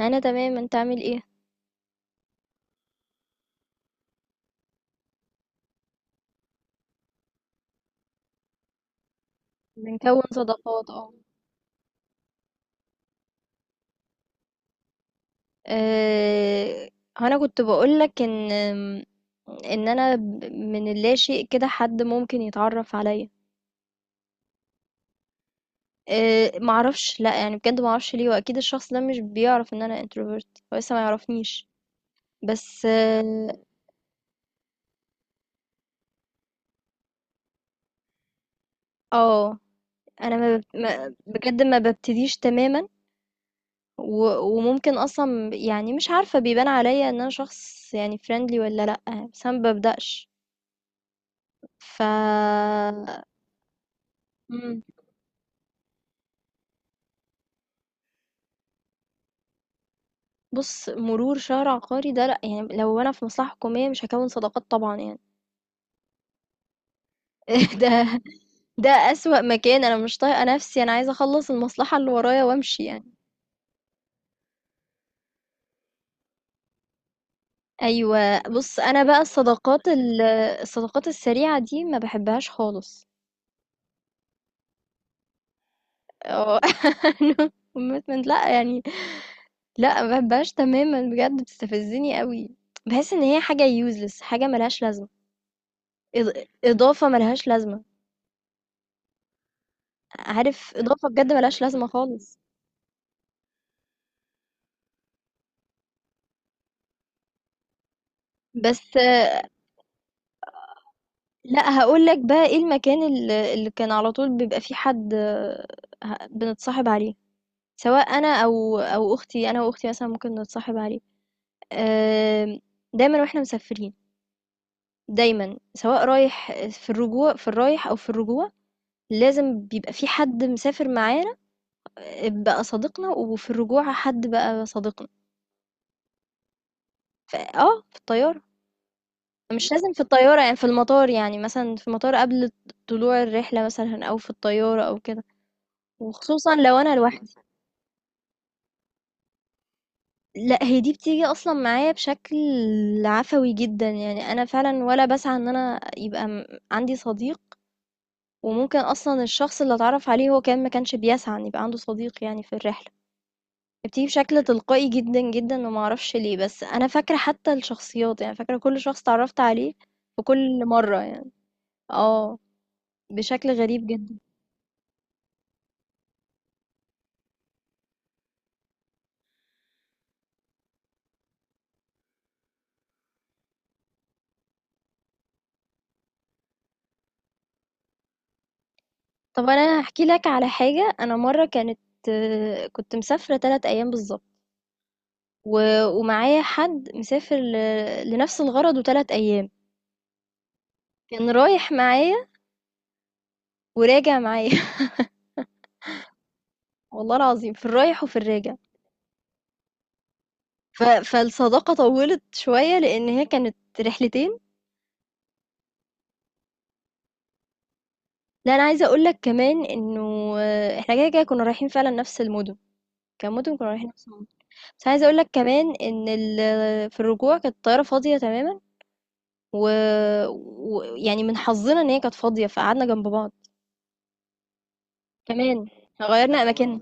انا تمام انت عامل ايه؟ بنكون صداقات اه. أه... انا كنت بقولك ان انا من اللاشيء كده حد ممكن يتعرف عليا. معرفش، لا يعني بجد معرفش ليه، واكيد الشخص ده مش بيعرف ان انا انتروفيرت، هو لسه ما يعرفنيش. بس اه. آه، انا ما... ب- ما... بجد ما ببتديش تماما. و... وممكن اصلا يعني مش عارفة بيبان عليا ان انا شخص يعني فريندلي ولا لا. بس انا ما ببدأش. ف. إمم. بُص، مرور شهر عقاري ده لأ، يعني لو أنا في مصلحة حكومية مش هاكوّن صداقات طبعًا يعني. ده ده أسوأ مكان، أنا مش طايقة نَفْسي، أنا عايزة أخلّص المصلحة اللي ورايا وأمشي يعني. أيوه، بُص أنا بقى الصداقات الصداقات السريعة دي ما باحبهاش خالص. آه، أنا commitment لأ، يعني لأ، ما باحبهاش تمامًا بجد بتستفزّني أوي. باحس إن هي حاجة useless، حاجة ما لهاش لازمة، إض إضافة ما لهاش لازمة، عارف إضافة بجد ما لهاش لازمة خالص. بس آه، لا هقول لك بقى ايه المكان اللي كان على طول بيبقى فيه حد، بنتصاحب عليه، سواء انا او اختي، انا واختي مثلا ممكن نتصاحب عليه. آم، دايما واحنا مسافرين، دايما سواء رايح في الرجوع في الرايح او في الرجوع لازم بيبقى في حد مسافر معانا، بقى صديقنا، وفي الرجوع حد بقى صديقنا. في الطيارة. مش لازم في الطيارة، يعني في المطار، يعني مثلا في المطار قبل طلوع الرحلة مثلا، أو في الطيارة أو كده. وخصوصًا لو أنا لوحدي، لأ هي دي بتيجي أصلًا معايا بشكل عفوي جدًا، يعني أنا فعلًا ولا باسعى إن أنا يبقى عندي صديق، وممكن أصلًا الشخص اللي أتعرّف عليه هو كمان ما كانش بيسعى إن يبقى عنده صديق يعني في الرحلة، بتيجي بشكل تلقائي جدًا، جدًا، وما أعرفش ليه، بس أنا فاكرة حتى الشخصيات، يعني فاكرة كل شخص اتعرّفت عليه في كل مرّة يعني، آه، بشكل غريب جدًا. طَب أنا هاحكي لك على حاجة، أنا مرّة كنت مسافرة 3 أيام بالضبط. و ومعايا حد مسافر لنفس الغرض و3 أيام، كان رايح معايا وراجع معايا والله العظيم في الرايح وفي الراجع، ف فالصداقة طوّلت شوية لإن هي كانت رحلتين. لأ أنا عايزة أقول لك كمان إنه، إحنا كده، كده كنا رايحين فعلًا نفس المُدن، كمُدن كنا رايحين نفس المُدن، بس عايزة أقول لك كمان إن في الرجوع كانت الطيارة فاضية تمامًا، و ويعني من حظنا إن هي كانت فاضية، فقعدنا جنب بعض، كمان غيّرنا أماكننا،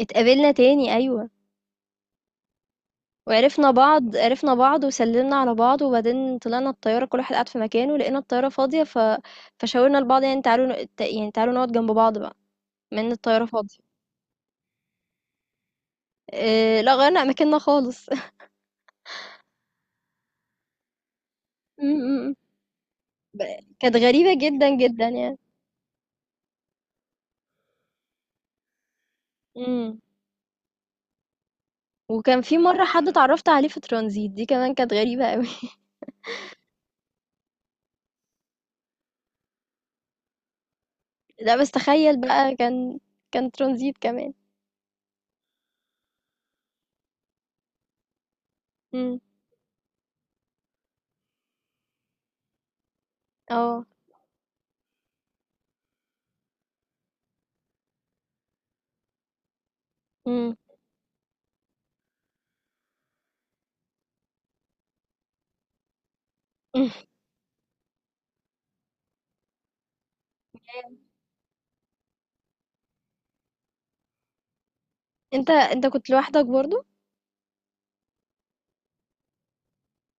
اتقابلنا تاني أيوه. وعرفنا بعض، عرفنا بعض وسلمنا على بعض، وبعدين طلعنا الطيارة كل واحد قعد في مكانه، لقينا الطيارة فاضية فشاورنا لبعض، يعني تعالوا يعني تعالوا نقعد جنب بعض بقى، من الطيارة فاضية. لا غيرنا أماكننا خالص م- م- م. كانت غريبة جدا جدا يعني. امم. وكان في مرة حد اتعرفت عليه في ترانزيت، دي كمان كانت غريبة قوي لا بس تخيل بقى، كان ترانزيت كمان. امم. اه. امم. انت كنت لوحدك برضو؟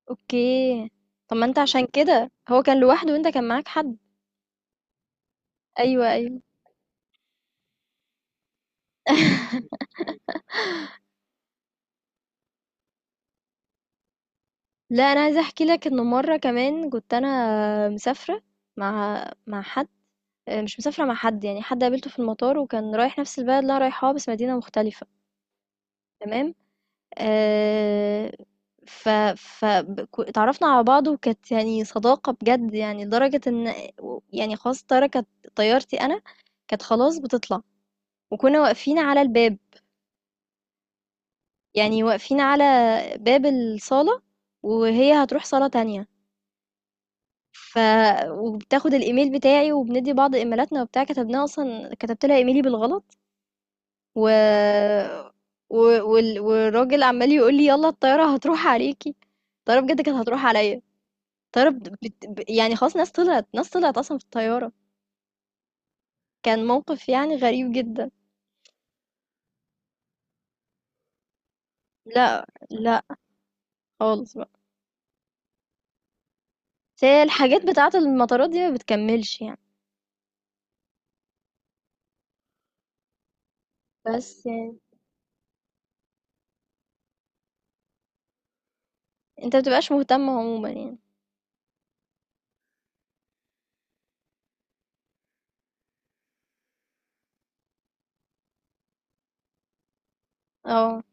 اوكي. طب ما انت عشان كده هو كان لوحده وانت كان معاك حد. ايوه، ايوه. لا انا عايزه احكي لك انه مره كمان كنت انا مسافره مع حد، مش مسافره مع حد، يعني حد قابلته في المطار وكان رايح نفس البلد اللي انا رايحاها بس مدينه مختلفه. تمام. آه... ف اتعرفنا على بعض وكانت يعني صداقه بجد، يعني لدرجه ان، يعني خلاص طياره كانت طيارتي انا كانت خلاص بتطلع وكنا واقفين على الباب، يعني واقفين على باب الصالة وهي هتروح صالة تانية، ف وبتاخد الإيميل بتاعي وبندي بعض إيميلاتنا وبتاع، كتبناها أصلا، كتبت لها إيميلي بالغلط، و... و... والراجل عمال يقول لي يلا الطيارة هتروح عليكي. الطيارة بجد كانت هتروح عليا، الطيارة يعني خلاص ناس طلعت، أصلا في الطيارة. كان موقف يعني غريب جدا. لا، لا، خالص بقى. بس هي الحاجات بتاعة المطارات دي ما بتكملش يعني. بس يعني انت مبتبقاش مهتم عموما يعني. آه.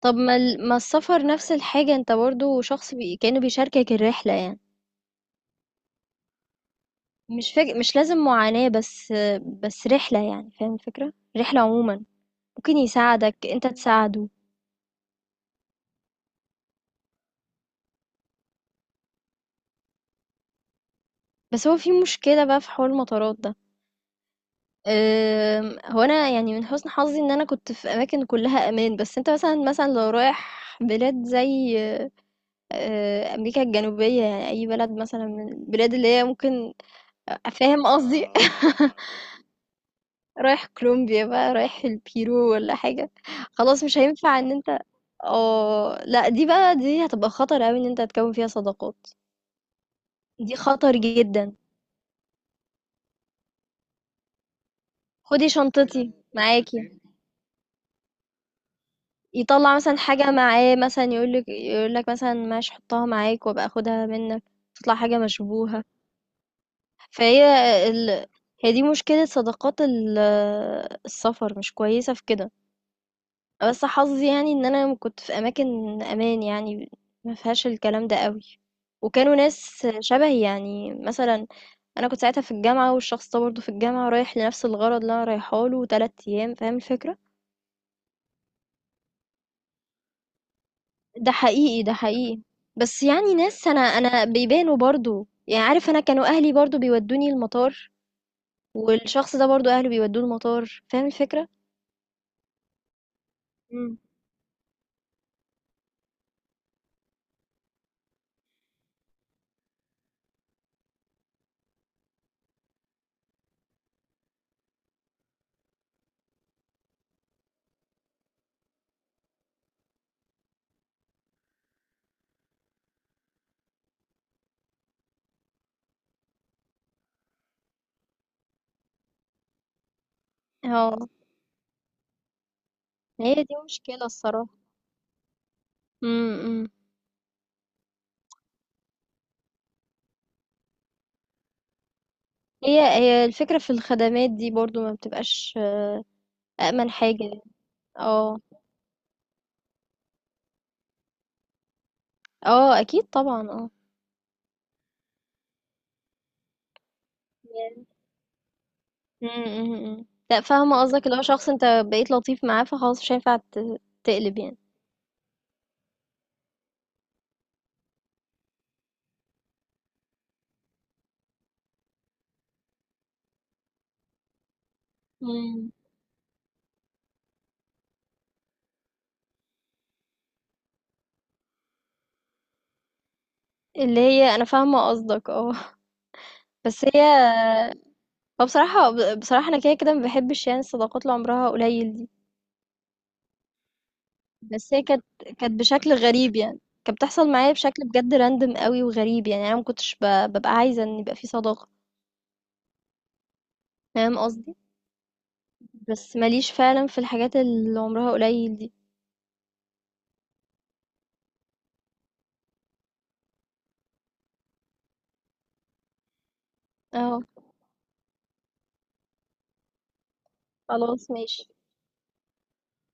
طب ما ال ما السفر نفس الحاجة، أنت برضه شخص كأنه بيشاركك الرحلة يعني، مش لازم معاناة، بس بس رحلة يعني، فاهم الفكرة؟ رحلة عمومًا، ممكن يساعدك، أنت تساعده. بس هو في مشكلة بقى في حوار المطارات ده، أنا يعني من حسن حظي إن أنا كنت في أماكن كلها أمان، بس أنت مثلًا، لو رايح بلاد زي، أمريكا الجنوبية، يعني أي بلد مثلًا من البلاد اللي هي ممكن، فاهم قصدي؟ آه. رايح كولومبيا بقى، رايح البيرو ولا حاجة، خلاص مش هينفع ان انت، اه لا دي بقى، هتبقى خطر اوي ان انت تكون فيها صداقات. دي خطر جدا، خدي شنطتي معاكي. يطلع مثلا حاجة معاه مثلا، يقولك مثلا ماشي حطها معاك وابقى اخدها منك، تطلع حاجة مشبوهة. فهي ال... هي دي مشكلة صداقات السفر، مش كويسة في كده. بس حظي يعني ان انا كنت في اماكن امان يعني، ما فيهاش الكلام ده قوي، وكانوا ناس شبهي، يعني مثلا انا كنت ساعتها في الجامعه والشخص ده برضه في الجامعه رايح لنفس الغرض اللي انا رايحه له، 3 ايام، فاهم الفكره. ده حقيقي، ده حقيقي. بس يعني ناس انا، بيبانوا برضه، يعني عارف، انا كانوا اهلي برضه بيودوني المطار، والشخص ده برضه اهله بيودوه المطار، فاهم الفكره. مم. اه، هي دي مشكله الصراحه. امم. هي الفكرة في الخدمات دي برضو ما بتبقاش أأمن حاجة يعني. اه، اه، أكيد طبعا، اه. يعني- م- م- م. لا فاهمة قصدك، اللي هو شخص انت بقيت لطيف معاه فخلاص مش هينفع تقلب يعني. مم. اللي هي انا فاهمة قصدك، اه. بس هي، هو بصراحة، بصراحة انا كده، كده ما بحبش يعني الصداقات اللي عمرها قليل دي. بس هي كانت كانت بشكل غريب يعني، كانت بتحصل معايا بشكل بجد راندم قوي وغريب، يعني انا ما كنتش ببقى عايزة ان يبقى في صداقة، فاهم قصدي. بس ما ليش فعلًا في الحاجات اللي عمرها قليل دي. آه، خلاص ماشي،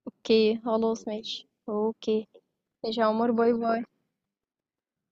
أوكي، خلاص ماشي، أوكي، ماشي يا عمر، باي، باي.